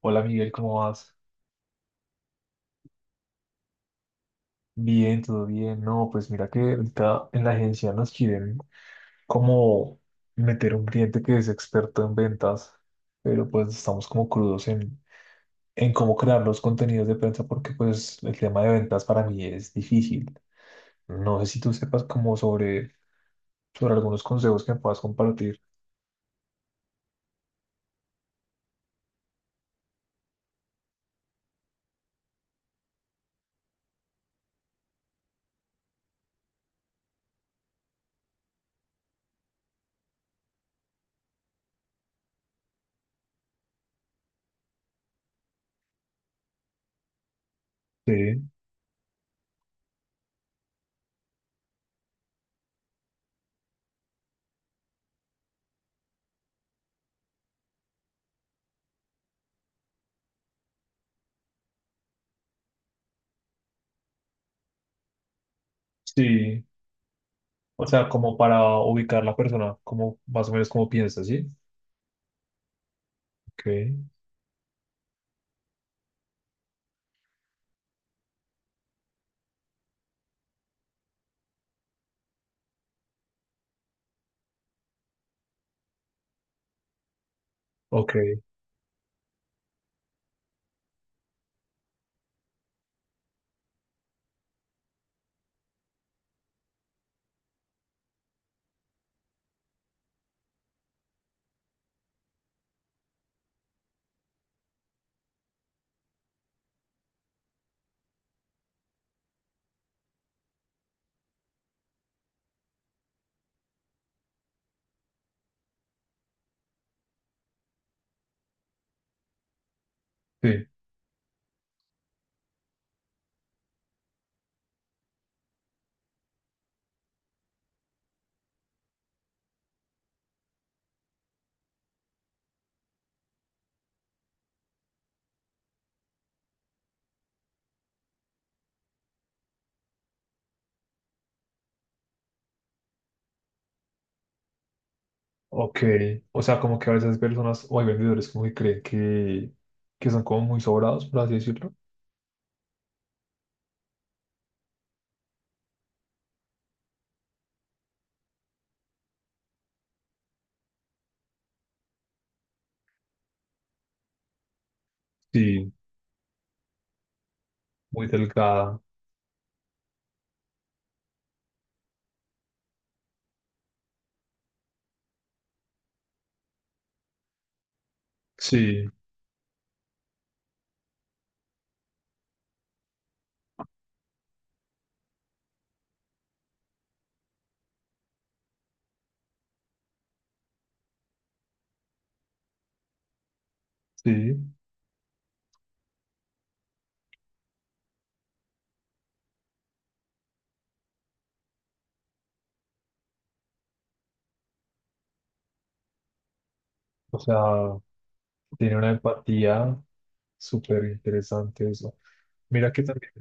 Hola Miguel, ¿cómo vas? Bien, todo bien. No, pues mira que ahorita en la agencia nos quieren como meter un cliente que es experto en ventas, pero pues estamos como crudos en cómo crear los contenidos de prensa porque pues el tema de ventas para mí es difícil. No sé si tú sepas como sobre algunos consejos que me puedas compartir. Sí, sí. O sea, como para ubicar la persona, como más o menos como piensa, ¿sí? Ok, ok, sí. Ok, o sea, como que a veces personas o hay vendedores como que creen que son como muy sobrados, por así decirlo. Sí, muy delgada. Sí, sí. O sea, tiene una empatía súper interesante eso. Mira que también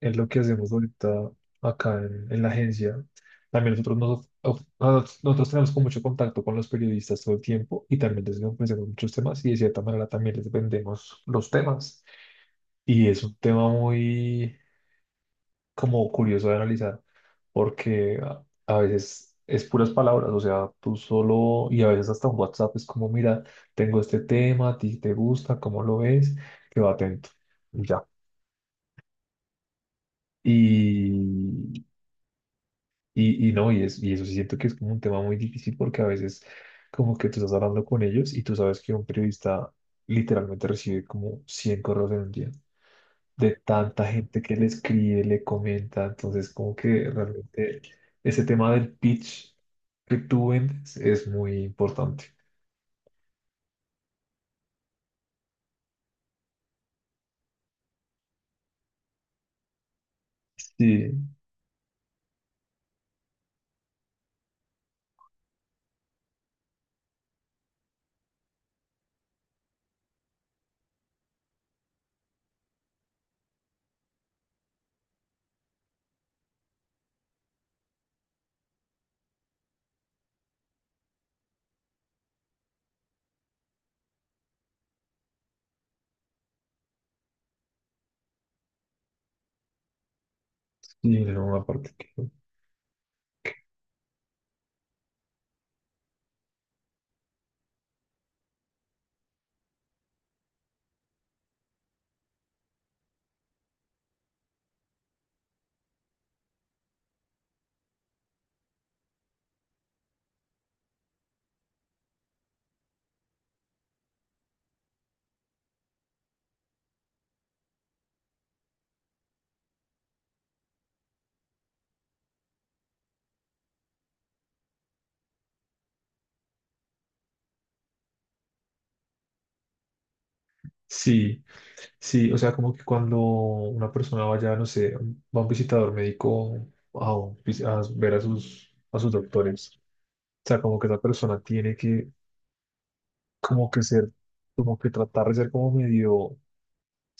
es lo que hacemos ahorita acá en la agencia. También nosotros, nosotros tenemos como mucho contacto con los periodistas todo el tiempo y también les ofrecemos muchos temas y de cierta manera también les vendemos los temas. Y es un tema muy como curioso de analizar, porque a veces es puras palabras, o sea, tú solo, y a veces hasta un WhatsApp es como, mira, tengo este tema, a ti te gusta, ¿cómo lo ves? Quedo atento, y ya. Y, y no, y, es, y eso sí siento que es como un tema muy difícil porque a veces como que tú estás hablando con ellos y tú sabes que un periodista literalmente recibe como 100 correos en un día. De tanta gente que le escribe, le comenta. Entonces, como que realmente ese tema del pitch que tú vendes es muy importante. Sí, sí, no, aparte que. Sí, sí, o sea, como que cuando una persona vaya, no sé, va a un visitador médico a ver a sus doctores, o sea, como que esa persona tiene que, como que ser, como que tratar de ser como medio.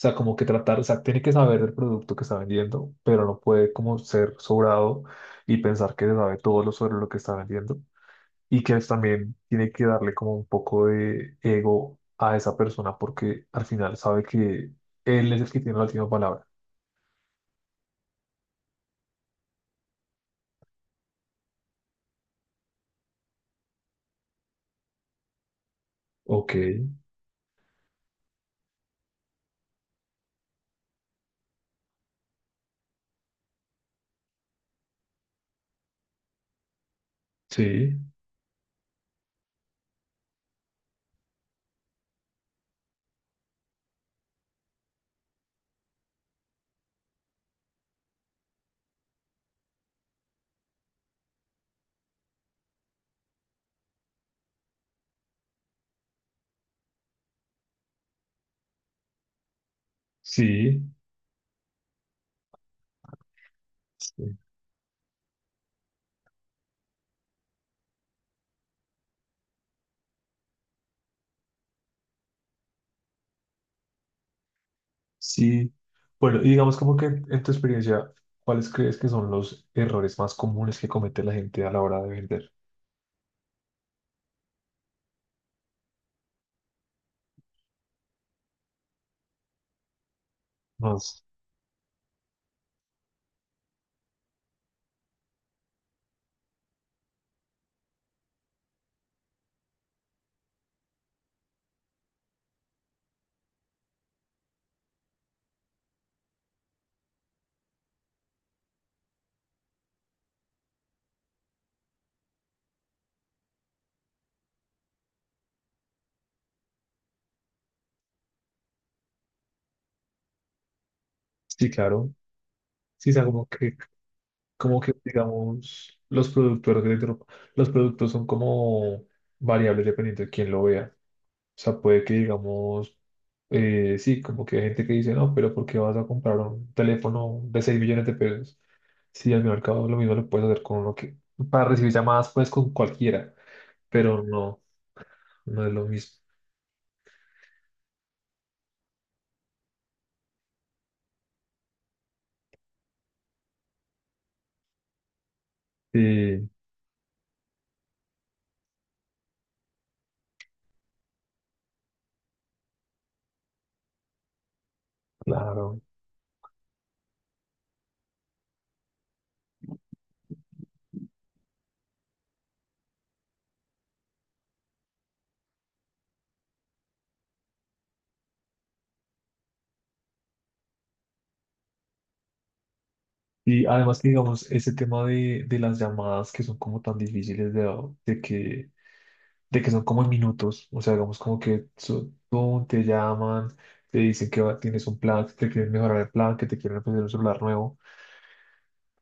O sea, como que tratar, o sea, tiene que saber el producto que está vendiendo, pero no puede como ser sobrado y pensar que se sabe todo lo sobre lo que está vendiendo. Y que también tiene que darle como un poco de ego a esa persona porque al final sabe que él es el que tiene la última palabra. Ok, sí, sí, sí. Sí. Bueno, y digamos como que en tu experiencia, ¿cuáles crees que son los errores más comunes que comete la gente a la hora de vender? Más. Sí, claro. Sí, o sea, como que, digamos, los productores de dro- los productos son como variables dependiendo de quién lo vea. O sea, puede que, digamos, sí, como que hay gente que dice, no, pero ¿por qué vas a comprar un teléfono de 6 millones de pesos? Si al mercado lo mismo lo puedes hacer con uno que, para recibir llamadas, pues con cualquiera, pero no, no es lo mismo. Sí, claro. Y además que, digamos, ese tema de las llamadas que son como tan difíciles de que son como en minutos, o sea, digamos como que tú te llaman, te dicen tienes un plan, que te quieren mejorar el plan, que te quieren ofrecer un celular nuevo.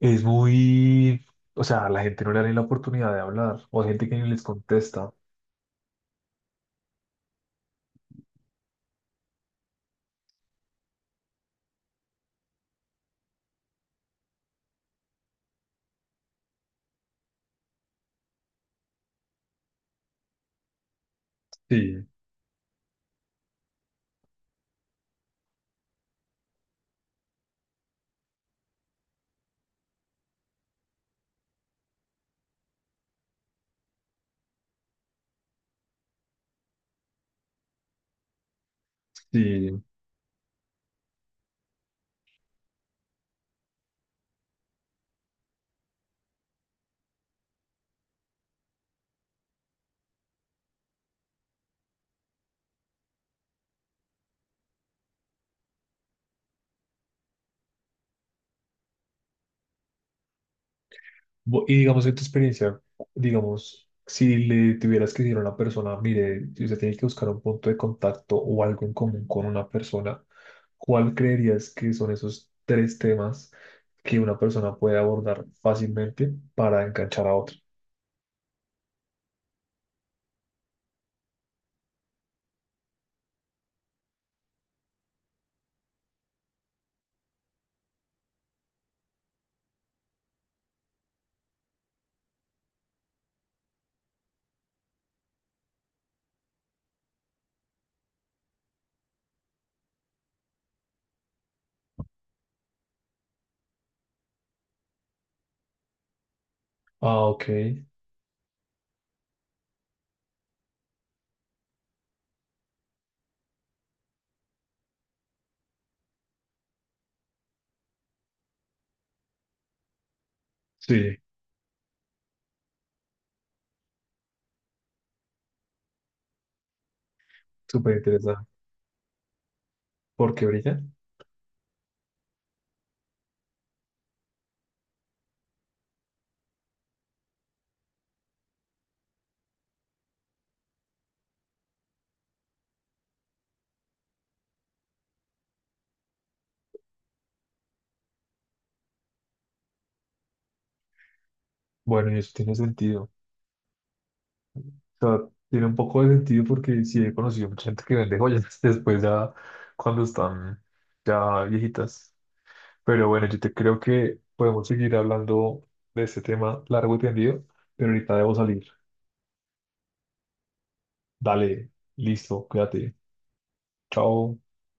Es muy, o sea, a la gente no le da ni la oportunidad de hablar, o hay gente que ni les contesta. Sí, sí. Y digamos, en tu experiencia, digamos, si le tuvieras que decir a una persona, mire, si usted tiene que buscar un punto de contacto o algo en común con una persona, ¿cuál creerías que son esos tres temas que una persona puede abordar fácilmente para enganchar a otro? Ah, ok. Sí, súper interesante. ¿Por qué brilla? Bueno, y eso tiene sentido. O sea, tiene un poco de sentido porque sí he conocido mucha gente que vende joyas después ya cuando están ya viejitas. Pero bueno, yo te creo que podemos seguir hablando de este tema largo y tendido, pero ahorita debo salir. Dale, listo, cuídate. Chao.